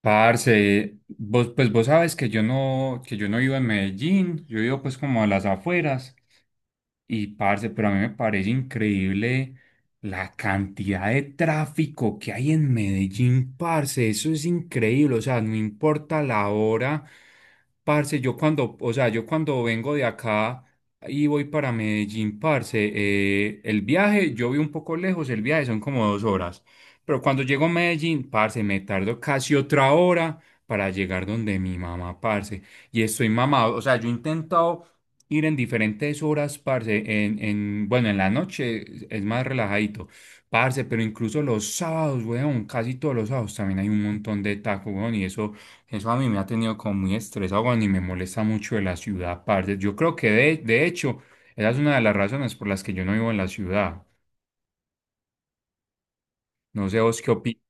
Parce, vos, pues vos sabes que yo no vivo en Medellín, yo vivo pues como a las afueras y parce, pero a mí me parece increíble la cantidad de tráfico que hay en Medellín, parce, eso es increíble, o sea, no importa la hora. Parce, yo cuando vengo de acá y voy para Medellín, parce, el viaje, yo vi un poco lejos, el viaje son como dos horas, pero cuando llego a Medellín, parce, me tardo casi otra hora para llegar donde mi mamá, parce, y estoy mamado, o sea, yo he intentado ir en diferentes horas, parce, bueno, en la noche es más relajadito, parce, pero incluso los sábados, weón, casi todos los sábados también hay un montón de tacos, weón, y eso. Eso a mí me ha tenido como muy estresado, weón, y me molesta mucho de la ciudad, parce. Yo creo que de hecho, esa es una de las razones por las que yo no vivo en la ciudad. No sé vos qué opinas.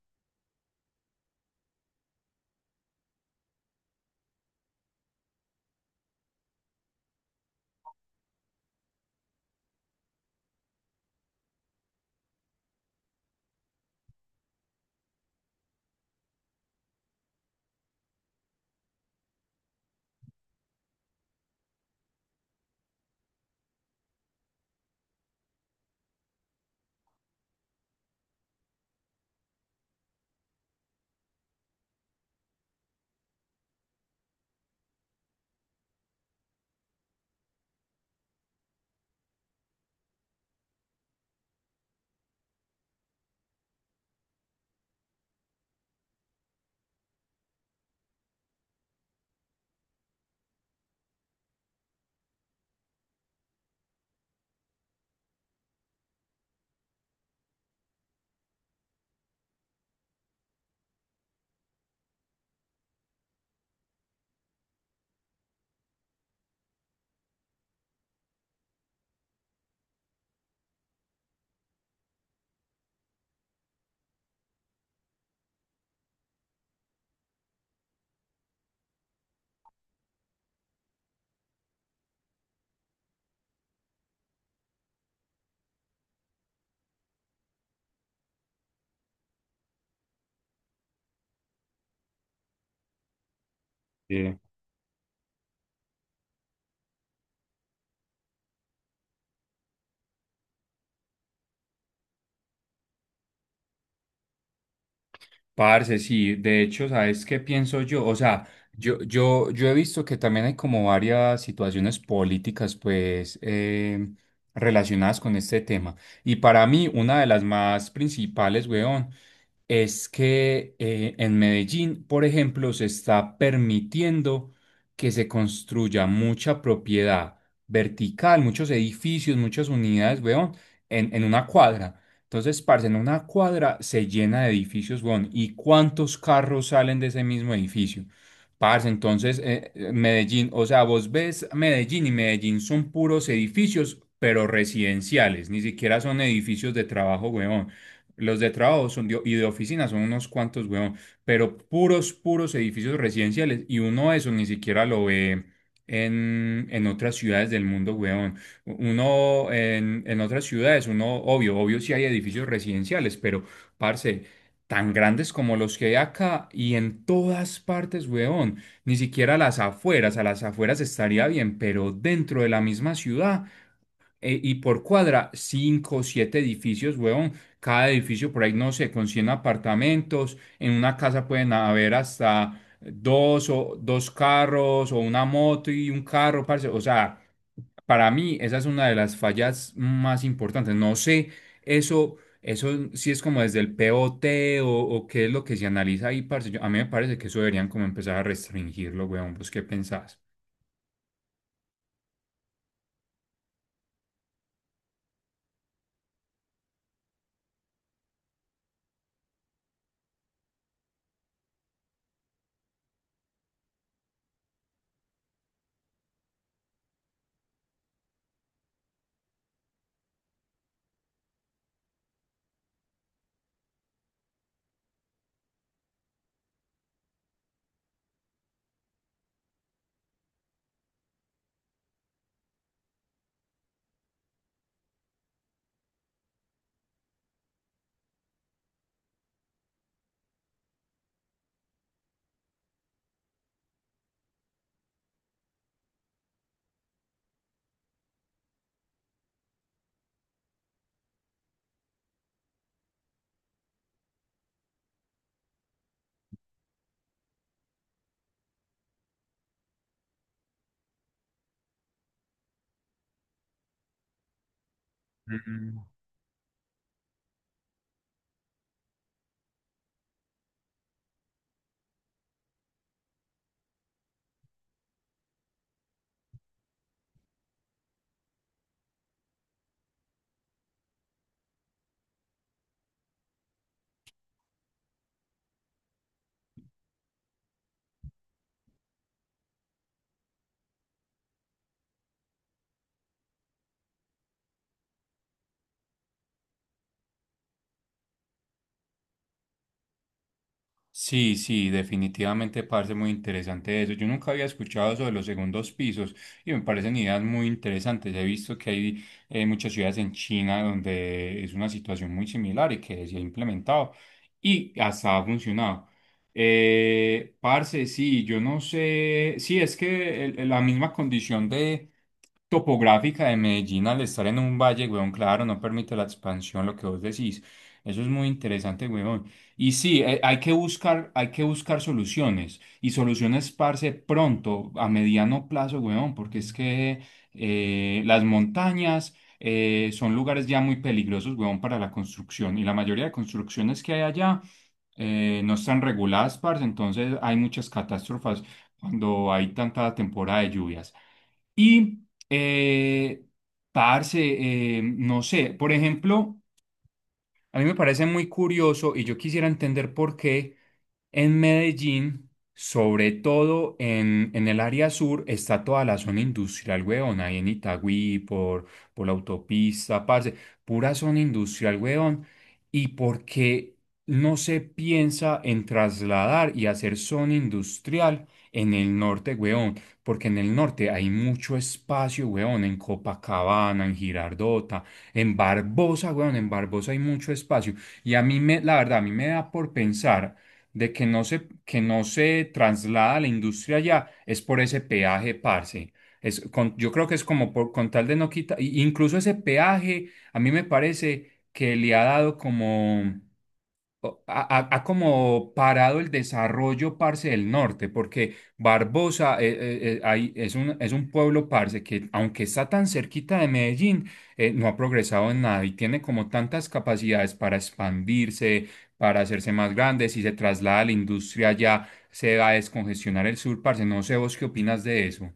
Eh, Parce, sí, de hecho, ¿sabes qué pienso yo? O sea, yo he visto que también hay como varias situaciones políticas, pues, relacionadas con este tema. Y para mí, una de las más principales, weón, es que en Medellín, por ejemplo, se está permitiendo que se construya mucha propiedad vertical, muchos edificios, muchas unidades, weón, en una cuadra. Entonces, parce, en una cuadra se llena de edificios, weón. ¿Y cuántos carros salen de ese mismo edificio? Parce, entonces, Medellín, o sea, vos ves Medellín y Medellín son puros edificios, pero residenciales, ni siquiera son edificios de trabajo, weón. Los de trabajo son de- y de oficina son unos cuantos, weón, pero puros edificios residenciales y uno eso ni siquiera lo ve en otras ciudades del mundo, weón. Uno en otras ciudades, uno, obvio sí hay edificios residenciales, pero, parce, tan grandes como los que hay acá y en todas partes, weón. Ni siquiera a las afueras estaría bien, pero dentro de la misma ciudad y por cuadra, cinco siete edificios, huevón. Cada edificio por ahí, no sé, con 100 apartamentos. En una casa pueden haber hasta dos carros o una moto y un carro, parce. O sea, para mí esa es una de las fallas más importantes. No sé, eso sí es como desde el POT o, T o qué es lo que se analiza ahí, parce. Yo, a mí me parece que eso deberían como empezar a restringirlo, weón. ¿Vos qué pensás? Mm. Sí, sí, definitivamente parece muy interesante eso. Yo nunca había escuchado sobre los segundos pisos y me parecen ideas muy interesantes. He visto que hay muchas ciudades en China donde es una situación muy similar y que se ha implementado y hasta ha funcionado. Parce, sí, yo no sé, sí, es que el- la misma condición de topográfica de Medellín al estar en un valle, weón, claro, no permite la expansión, lo que vos decís. Eso es muy interesante, weón. Y sí, hay que buscar soluciones y soluciones, parce, pronto, a mediano plazo, weón, porque es que las montañas son lugares ya muy peligrosos, weón, para la construcción y la mayoría de construcciones que hay allá no están reguladas, parce, entonces hay muchas catástrofes cuando hay tanta temporada de lluvias. Y, eh, parce, no sé, por ejemplo, a mí me parece muy curioso y yo quisiera entender por qué. En Medellín, sobre todo en el área sur, está toda la zona industrial, weón. Ahí en Itagüí, por la autopista, parce. Pura zona industrial, weón. ¿Y por qué no se piensa en trasladar y hacer zona industrial en el norte, weón? Porque en el norte hay mucho espacio, weón. En Copacabana, en Girardota, en Barbosa, weón. En Barbosa hay mucho espacio. Y a mí, me, la verdad, a mí me da por pensar de que no se traslada la industria allá es por ese peaje, parce. Es con- yo creo que es como por, con tal de no quitar, y- incluso ese peaje a mí me parece que le ha dado como o- ha como parado el desarrollo, parce, del norte, porque Barbosa ahí es un pueblo, parce, que aunque está tan cerquita de Medellín, no ha progresado en nada y tiene como tantas capacidades para expandirse, para hacerse más grande. Si se traslada a la industria ya se va a descongestionar el sur, parce. No sé vos qué opinas de eso.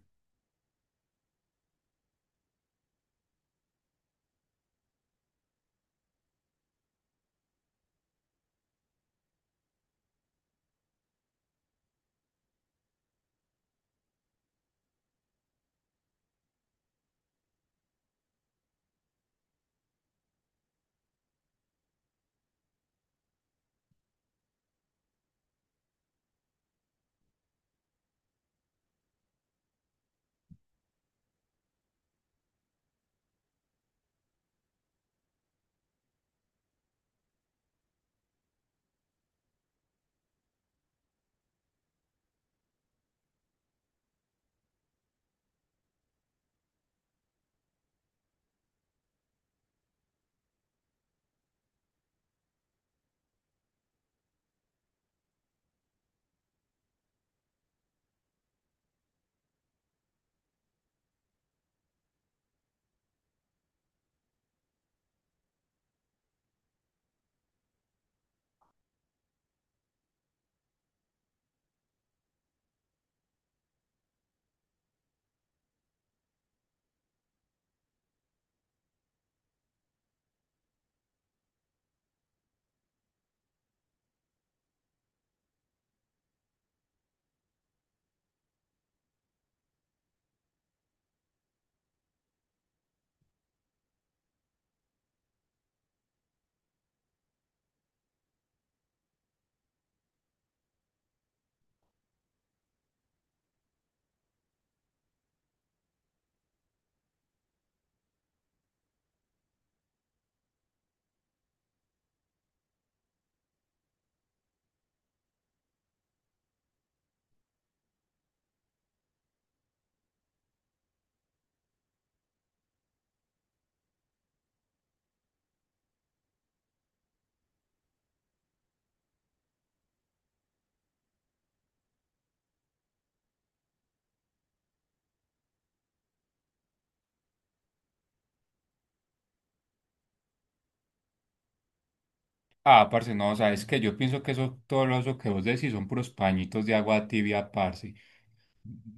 Ah, parce, no, sabes que yo pienso que eso, todo lo eso que vos decís son puros pañitos de agua tibia, parce.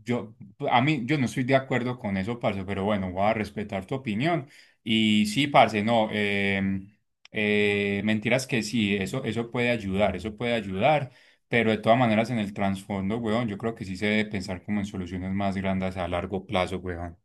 Yo, yo no estoy de acuerdo con eso, parce, pero bueno, voy a respetar tu opinión. Y sí, parce, no, mentiras que sí, eso puede ayudar, pero de todas maneras en el trasfondo, weón, yo creo que sí se debe pensar como en soluciones más grandes a largo plazo, weón.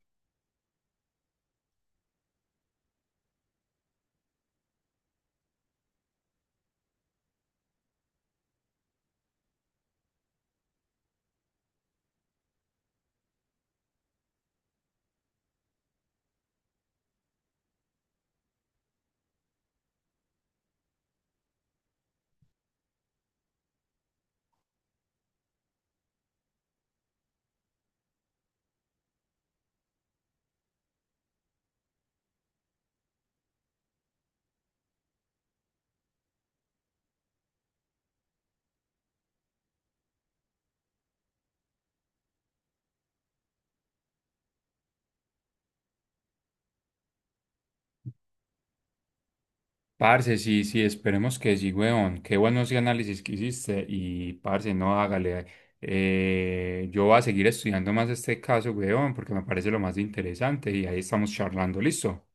Parce, sí, sí, esperemos que sí, weón. Qué buenos análisis que hiciste. Y, parce, no, hágale. Yo voy a seguir estudiando más este caso, weón, porque me parece lo más interesante. Y ahí estamos charlando. Listo.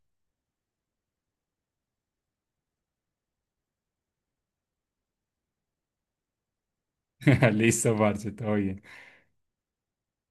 Listo, parce, todo bien.